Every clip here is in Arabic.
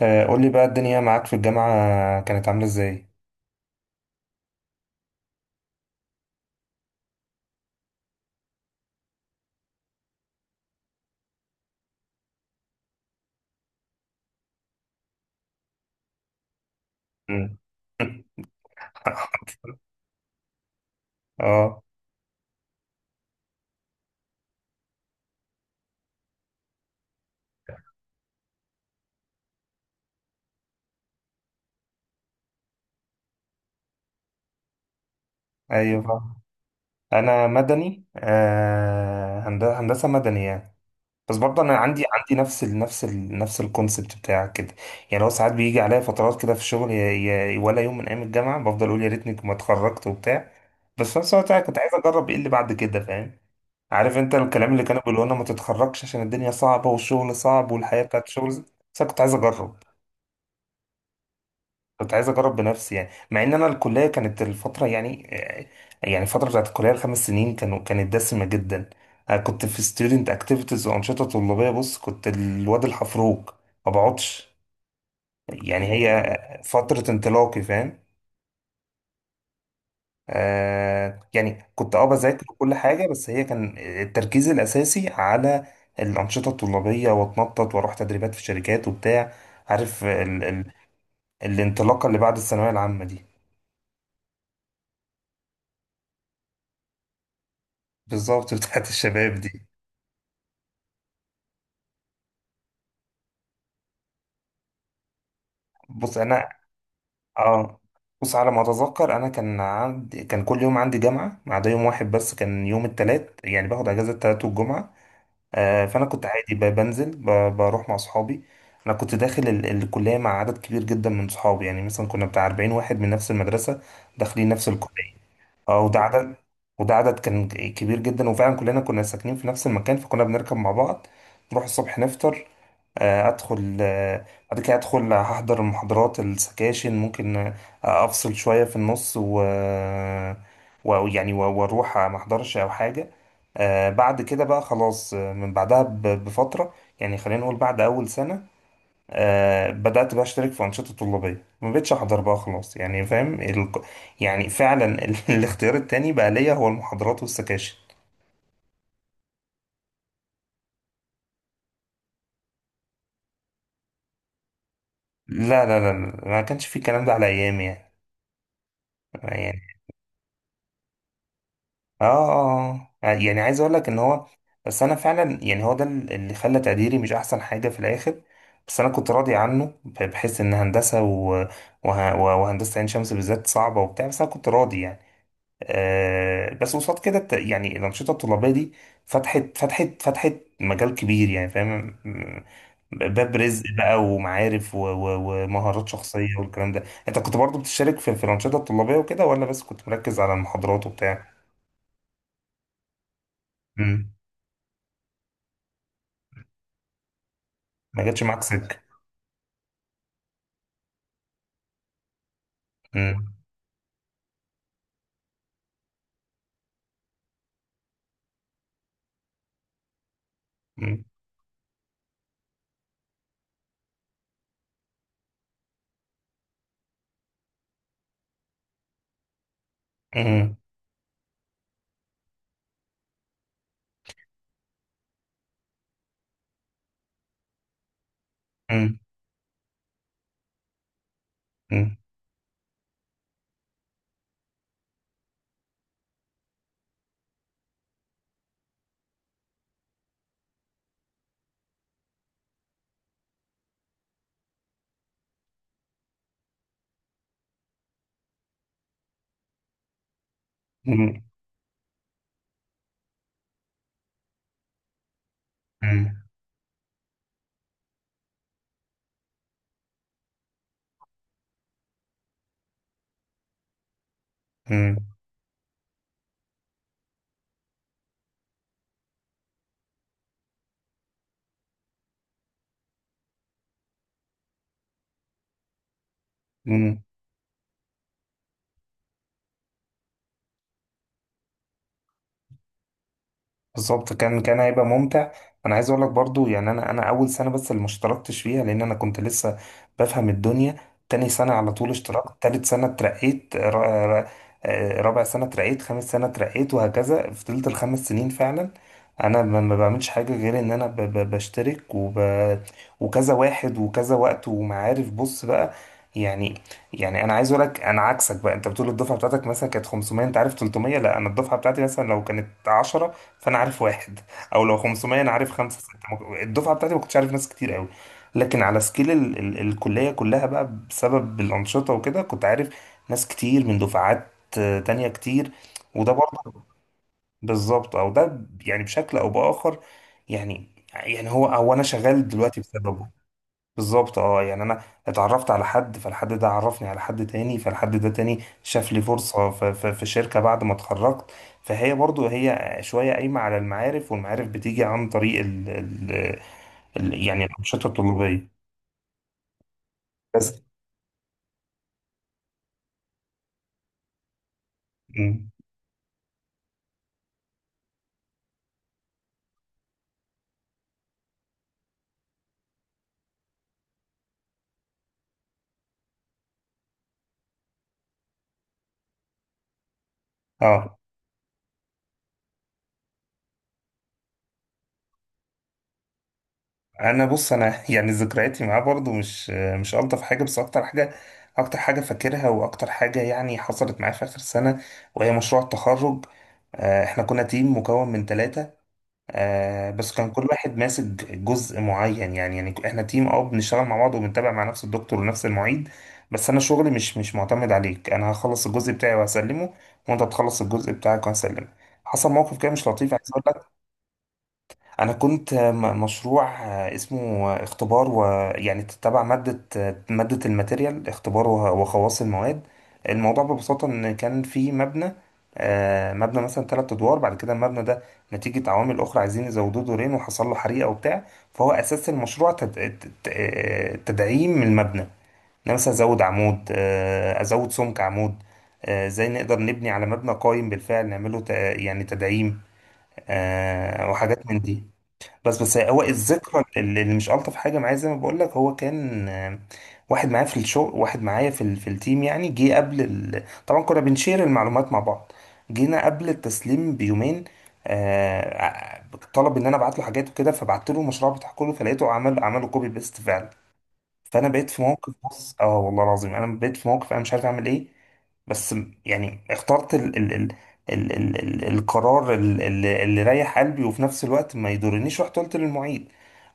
قول لي بقى الدنيا معاك في الجامعة كانت عاملة ازاي؟ مم. اه، ايوه فاهم. انا مدني، هندسة مدني يعني. بس برضه انا عندي نفس ال نفس ال نفس الكونسبت بتاعك كده. يعني لو ساعات بيجي عليا فترات كده في الشغل ولا يوم من ايام الجامعة بفضل اقول يا ريتني ما اتخرجت وبتاع. بس في نفس الوقت أنا كنت عايز اجرب ايه اللي بعد كده، فاهم؟ عارف انت الكلام اللي كانوا بيقولوا لنا ما تتخرجش عشان الدنيا صعبة والشغل صعب والحياة بتاعت الشغل، بس انا كنت عايز اجرب. كنت عايز اجرب بنفسي يعني، مع ان انا الكليه كانت الفتره يعني يعني الفتره بتاعت الكليه الخمس سنين كانت دسمه جدا. انا كنت في ستودنت اكتيفيتيز وانشطه طلابيه، بص كنت الواد الحفروك، ما بقعدش. يعني هي فتره انطلاقي فاهم. آه يعني كنت اه بذاكر كل حاجه بس هي كان التركيز الاساسي على الانشطه الطلابيه، واتنطط واروح تدريبات في شركات وبتاع. عارف ال ال الانطلاقه اللي بعد الثانويه العامه دي، بالظبط بتاعت الشباب دي. بص انا، اه، بص على ما اتذكر انا كان عندي كان كل يوم عندي جامعه ما عدا يوم واحد بس، كان يوم التلات، يعني باخد اجازه التلات والجمعه. آه، فانا كنت عادي بروح مع اصحابي. انا كنت داخل الكليه مع عدد كبير جدا من صحابي، يعني مثلا كنا بتاع 40 واحد من نفس المدرسه داخلين نفس الكليه. اه، وده عدد كان كبير جدا، وفعلا كلنا كنا ساكنين في نفس المكان، فكنا بنركب مع بعض، نروح الصبح نفطر. ادخل، بعد كده ادخل هحضر المحاضرات، السكاشن ممكن افصل شوية في النص و ويعني واروح ما احضرش او حاجة. بعد كده بقى خلاص، من بعدها بفترة، يعني خلينا نقول بعد اول سنة، بدأت بقى اشترك في أنشطة طلابية، ما بقتش احضر بقى خلاص. يعني فاهم يعني فعلا الاختيار التاني بقى ليا هو المحاضرات والسكاشن. لا لا، ما كانش في الكلام ده على ايامي يعني. يعني اه. يعني عايز اقول لك ان هو، بس انا فعلا يعني هو ده اللي خلى تقديري مش احسن حاجه في الاخر. بس انا كنت راضي عنه، بحس ان هندسه و... وه... وهندسه عين شمس بالذات صعبه وبتاع، بس انا كنت راضي يعني. آه بس قصاد كده يعني الانشطه الطلابيه دي فتحت مجال كبير، يعني فاهم باب رزق بقى ومعارف و... و... ومهارات شخصيه والكلام ده. انت كنت برضو بتشارك في الانشطه الطلابيه وكده، ولا بس كنت مركز على المحاضرات وبتاع؟ ما جاتش معاك سكة. مم. مم. مم. مم. مم. مم. مم. مم. بالظبط، كان هيبقى ممتع. انا عايز اقول لك برضو، يعني انا اول سنه بس اللي ما اشتركتش فيها لان انا كنت لسه بفهم الدنيا. تاني سنه على طول اشتركت، تالت سنه اترقيت رابع سنه اترقيت، خامس سنه اترقيت، وهكذا. فضلت الخمس سنين فعلا انا ما بعملش حاجه غير ان انا بشترك وب... وكذا واحد وكذا وقت ومعارف، بص بقى. يعني، يعني انا عايز اقول لك انا عكسك بقى. انت بتقول الدفعه بتاعتك مثلا كانت 500 انت عارف 300، لا انا الدفعه بتاعتي مثلا لو كانت 10 فانا عارف واحد، او لو 500 انا عارف خمسه سته. ما الدفعه بتاعتي ما كنتش عارف ناس كتير قوي، لكن على سكيل ال ال الكليه كلها بقى، بسبب الانشطه وكده، كنت عارف ناس كتير من دفعات تانية كتير. وده برضه بالظبط، او ده يعني بشكل او باخر، يعني هو، او انا شغال دلوقتي بسببه. بالظبط، اه، يعني انا اتعرفت على حد، فالحد ده عرفني على حد تاني، فالحد ده تاني شاف لي فرصة في شركة بعد ما اتخرجت. فهي برضو هي شوية قايمة على المعارف، والمعارف بتيجي عن طريق ال ال ال يعني الأنشطة الطلابية. بس. مم. اه. انا بص انا يعني ذكرياتي معاه برضو مش الطف حاجة، بس اكتر حاجة، اكتر حاجة فاكرها واكتر حاجة يعني حصلت معايا في اخر سنة وهي مشروع التخرج. احنا كنا تيم مكون من ثلاثة، آه بس كان كل واحد ماسك جزء معين. يعني يعني احنا تيم، اه بنشتغل مع بعض وبنتابع مع نفس الدكتور ونفس المعيد، بس انا شغلي مش معتمد عليك، انا هخلص الجزء بتاعي وهسلمه، وانت تخلص الجزء بتاعك وهسلمه. حصل موقف كده مش لطيف عايز اقول. انا كنت مشروع اسمه اختبار، ويعني تتبع ماده، ماده الماتيريال اختبار وخواص المواد. الموضوع ببساطه ان كان في مبنى، مبنى مثلا ثلاث ادوار، بعد كده المبنى ده نتيجه عوامل اخرى عايزين يزودوه دورين وحصل له حريقه وبتاع. فهو اساس المشروع تدعيم المبنى، ان أنا مثلا ازود عمود، ازود سمك عمود، ازاي نقدر نبني على مبنى قايم بالفعل نعمله يعني تدعيم، وحاجات من دي. بس هو الذكرى اللي مش ألطف حاجة معايا، زي ما بقول لك، هو كان واحد معايا في الشغل، واحد معايا في في التيم، يعني جه قبل طبعا كنا بنشير المعلومات مع بعض، جينا قبل التسليم بيومين، آه، ع- طلب ان انا ابعت له حاجات وكده، فبعت له المشروع بتاع كله، فلقيته عمله كوبي بيست. فانا بقيت في موقف، بص، اه والله العظيم انا بقيت في موقف انا مش عارف اعمل ايه. بس يعني اخترت ال ال ال ال ال ال القرار اللي يريح قلبي وفي نفس الوقت ما يضرنيش، رحت قلت للمعيد.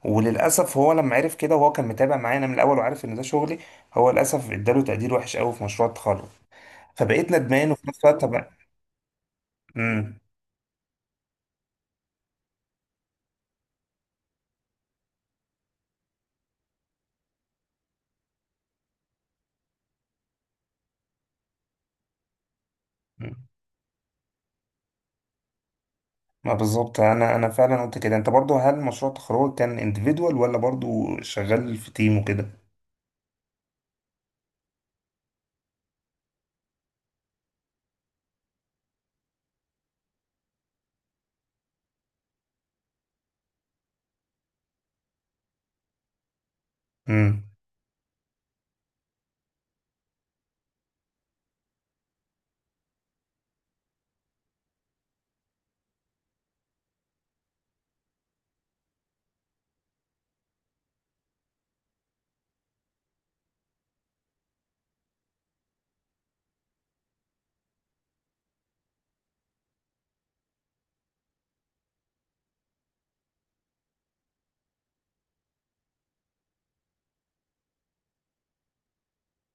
وللاسف هو لما عرف كده، وهو كان متابع معايا انا من الاول وعارف ان ده شغلي، هو للاسف اداله تقدير وحش قوي في مشروع التخرج. فبقيت ندمان، وفي نفس الوقت طب. امم. ما بالظبط، انا انا فعلا قلت كده. انت برضو هل مشروع التخرج كان individual ولا برضو شغال في تيم وكده؟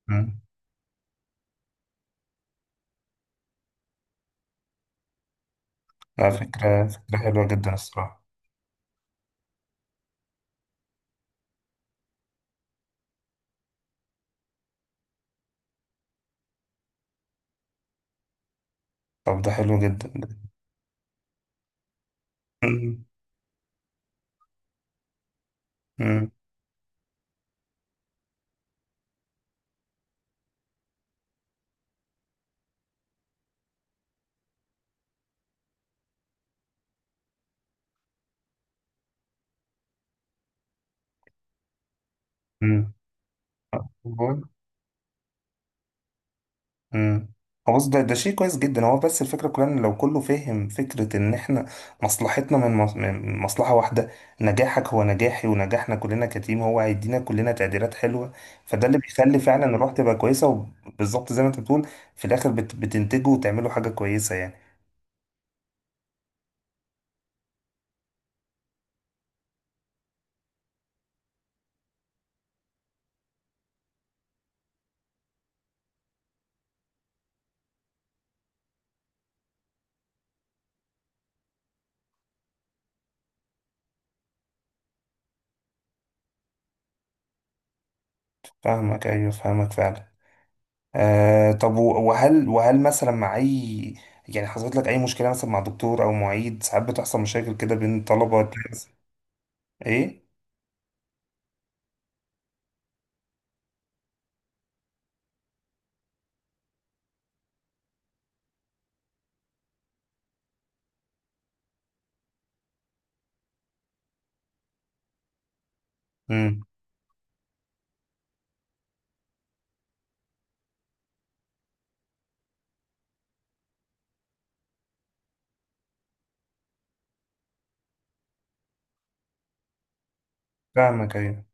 امم. لا، فكرة فكرة حلوة جدا الصراحة. طب ده حلو جدا ده. مم. مم. مم. بقول-. مم. هو بص، ده ده شيء كويس جدا. هو بس الفكرة كلها ان لو كله فاهم فكرة ان احنا مصلحتنا من من مصلحة واحدة، نجاحك هو نجاحي، ونجاحنا كلنا كتيم هو هيدينا كلنا تقديرات حلوة، فده اللي بيخلي فعلا الروح تبقى كويسة. وبالظبط زي ما انت بتقول، في الاخر بتنتجوا وتعملوا حاجة كويسة يعني. فاهمك، ايوه فاهمك فعلا. آه طب وهل مثلا مع اي، يعني حصلت لك اي مشكله مثلا مع دكتور او معيد؟ ساعات بتحصل مشاكل كده بين طلبه تلاقي مثلاً-. ايه. امم. فاهمك ايوه.